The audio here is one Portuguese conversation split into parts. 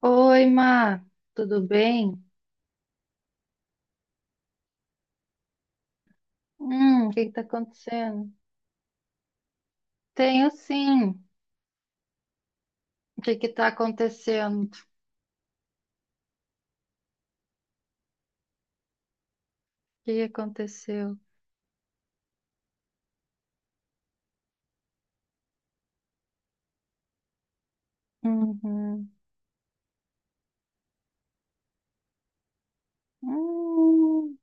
Oi, Má, tudo bem? O que que tá acontecendo? Tenho sim. O que que tá acontecendo? O que aconteceu? Uhum. Hum,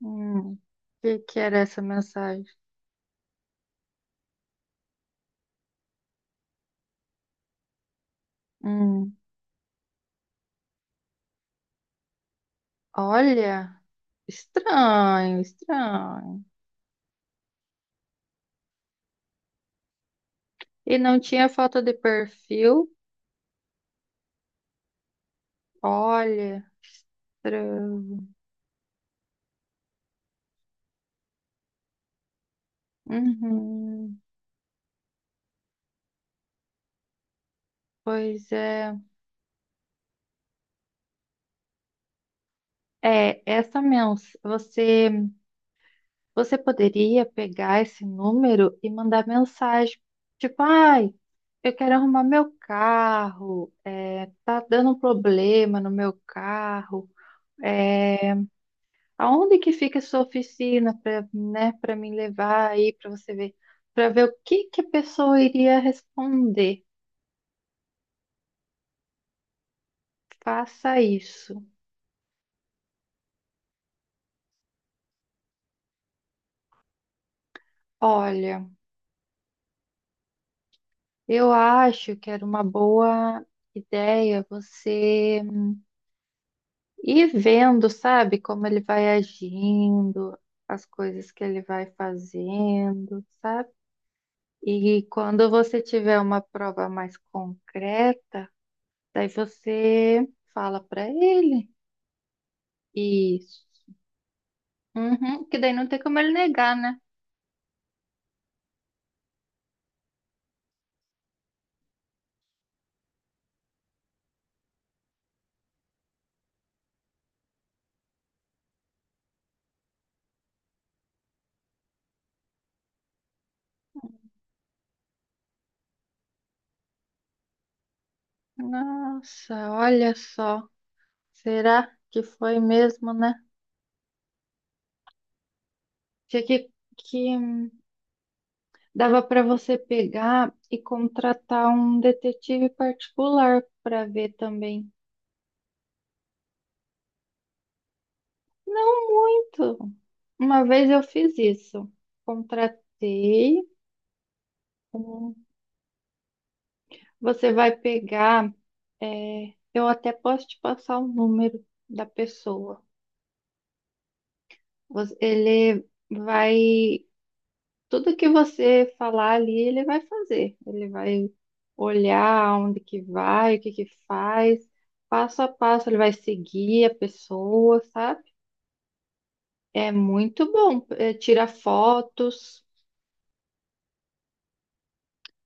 O que que era essa mensagem? Hum. Olha, estranho, estranho. E não tinha foto de perfil? Olha, estranho. Uhum. Pois é. É, essa mensagem, você poderia pegar esse número e mandar mensagem, tipo, ai, eu quero arrumar meu carro, é, tá dando um problema no meu carro, é, aonde que fica a sua oficina para, né, para me levar aí para você ver, para ver o que que a pessoa iria responder. Faça isso. Olha, eu acho que era uma boa ideia você. E vendo, sabe, como ele vai agindo, as coisas que ele vai fazendo, sabe? E quando você tiver uma prova mais concreta, daí você fala pra ele. Isso. Uhum, que daí não tem como ele negar, né? Nossa, olha só. Será que foi mesmo, né? Tinha que Dava pra você pegar e contratar um detetive particular pra ver também. Uma vez eu fiz isso. Contratei. um- Você vai pegar. É, eu até posso te passar o número da pessoa. Ele vai. Tudo que você falar ali, ele vai fazer. Ele vai olhar onde que vai, o que que faz, passo a passo. Ele vai seguir a pessoa, sabe? É muito bom. É, tira fotos.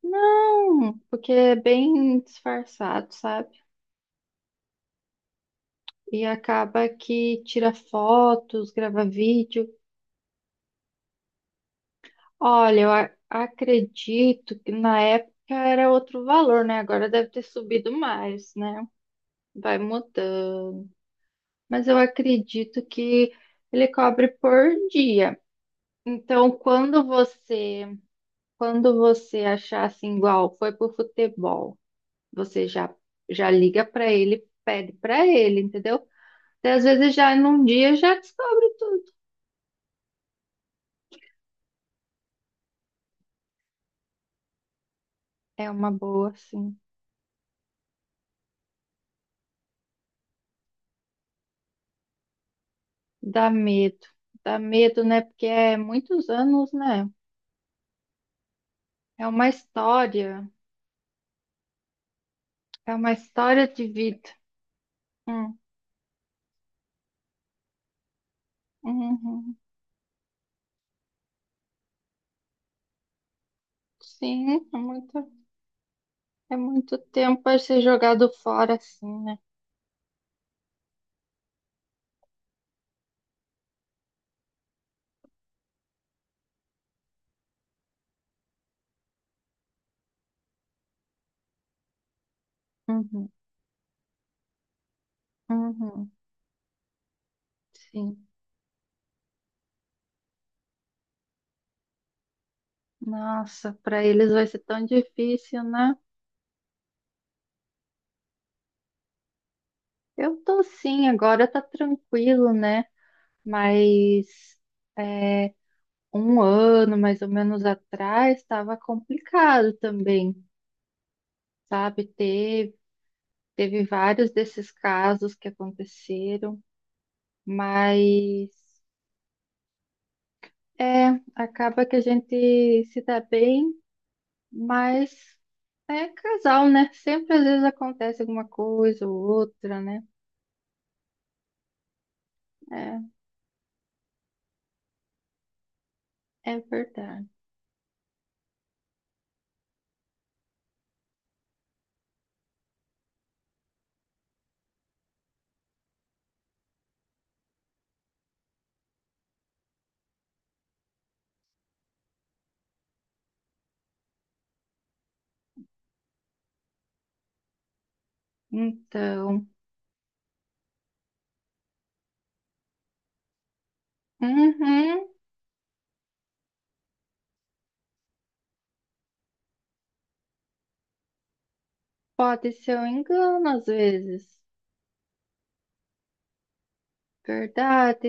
Não, porque é bem disfarçado, sabe? E acaba que tira fotos, grava vídeo. Olha, acredito que na época era outro valor, né? Agora deve ter subido mais, né? Vai mudando. Mas eu acredito que ele cobre por dia. Então, quando você, quando você achar assim igual, foi pro futebol, você já liga para ele, pede para ele, entendeu? Daí, às vezes já num dia já descobre tudo. É uma boa, sim. Dá medo, dá medo, né? Porque é muitos anos, né? É uma história, é uma história de vida. Hum, uhum. Sim, é muito tempo para ser jogado fora assim, né? Uhum, uhum, sim. Nossa, para eles vai ser tão difícil, né? Eu tô sim, agora tá tranquilo, né? Mas é, um ano mais ou menos atrás estava complicado também, sabe? Teve vários desses casos que aconteceram, mas é, acaba que a gente se dá bem, mas é casal, né? Sempre às vezes acontece alguma coisa ou outra, né? É, é verdade. Então, uhum, pode ser um engano às vezes. Verdade,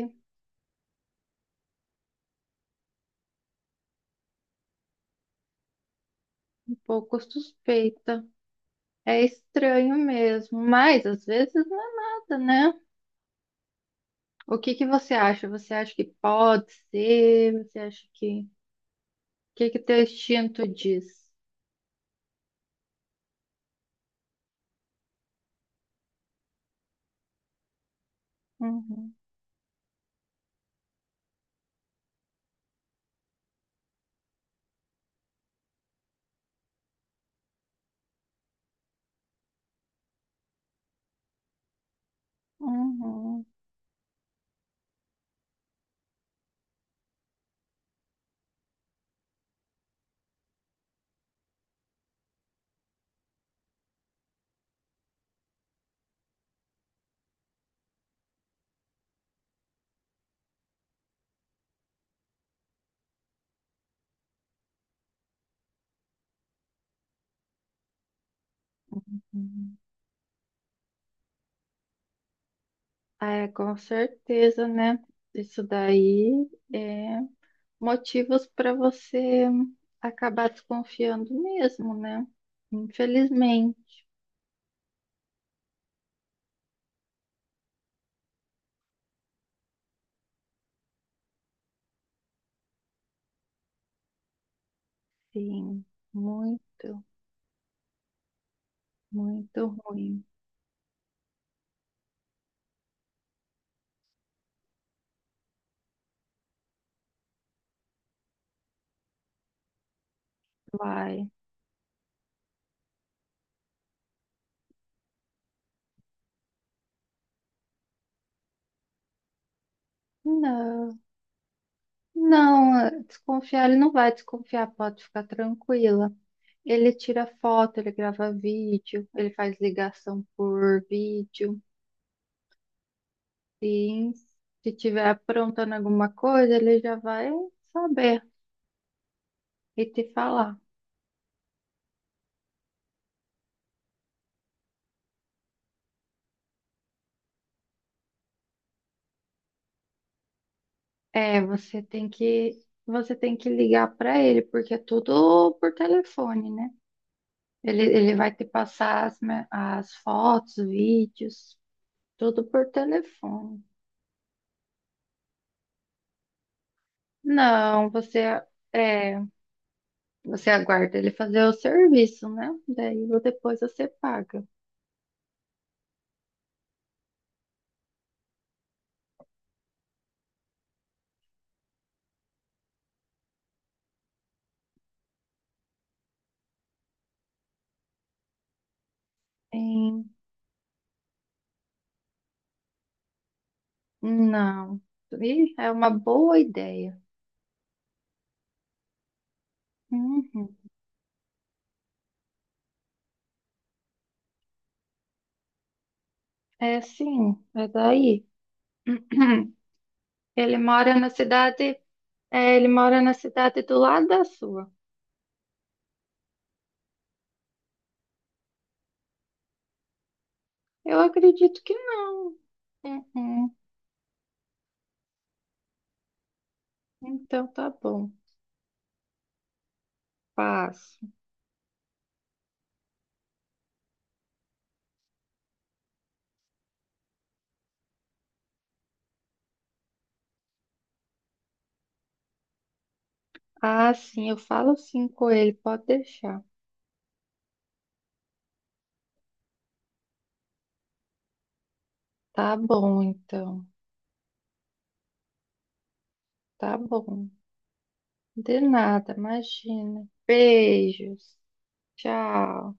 um pouco suspeita. É estranho mesmo, mas às vezes não é nada, né? O que que você acha? Você acha que pode ser? Você acha que... O que que teu instinto diz? Uhum, uhum, uhum. Ah, é, com certeza, né? Isso daí é motivos para você acabar desconfiando mesmo, né? Infelizmente, sim, muito, muito ruim. Vai. Não, não, desconfiar, ele não vai desconfiar, pode ficar tranquila. Ele tira foto, ele grava vídeo, ele faz ligação por vídeo. E se tiver aprontando alguma coisa, ele já vai saber e te falar. É, você tem que você tem que ligar para ele, porque é tudo por telefone, né? Ele vai te passar as fotos, vídeos, tudo por telefone. Não, você é, você aguarda ele fazer o serviço, né? Daí depois você paga. Sim. Não. Ih, é uma boa ideia. Uhum. É sim, é daí. Ele mora na cidade, é, ele mora na cidade do lado da sua. Eu acredito que não. Uhum. Então tá bom. Passo. Ah, sim, eu falo sim com ele, pode deixar. Tá bom, então. Tá bom. De nada, imagina. Beijos. Tchau.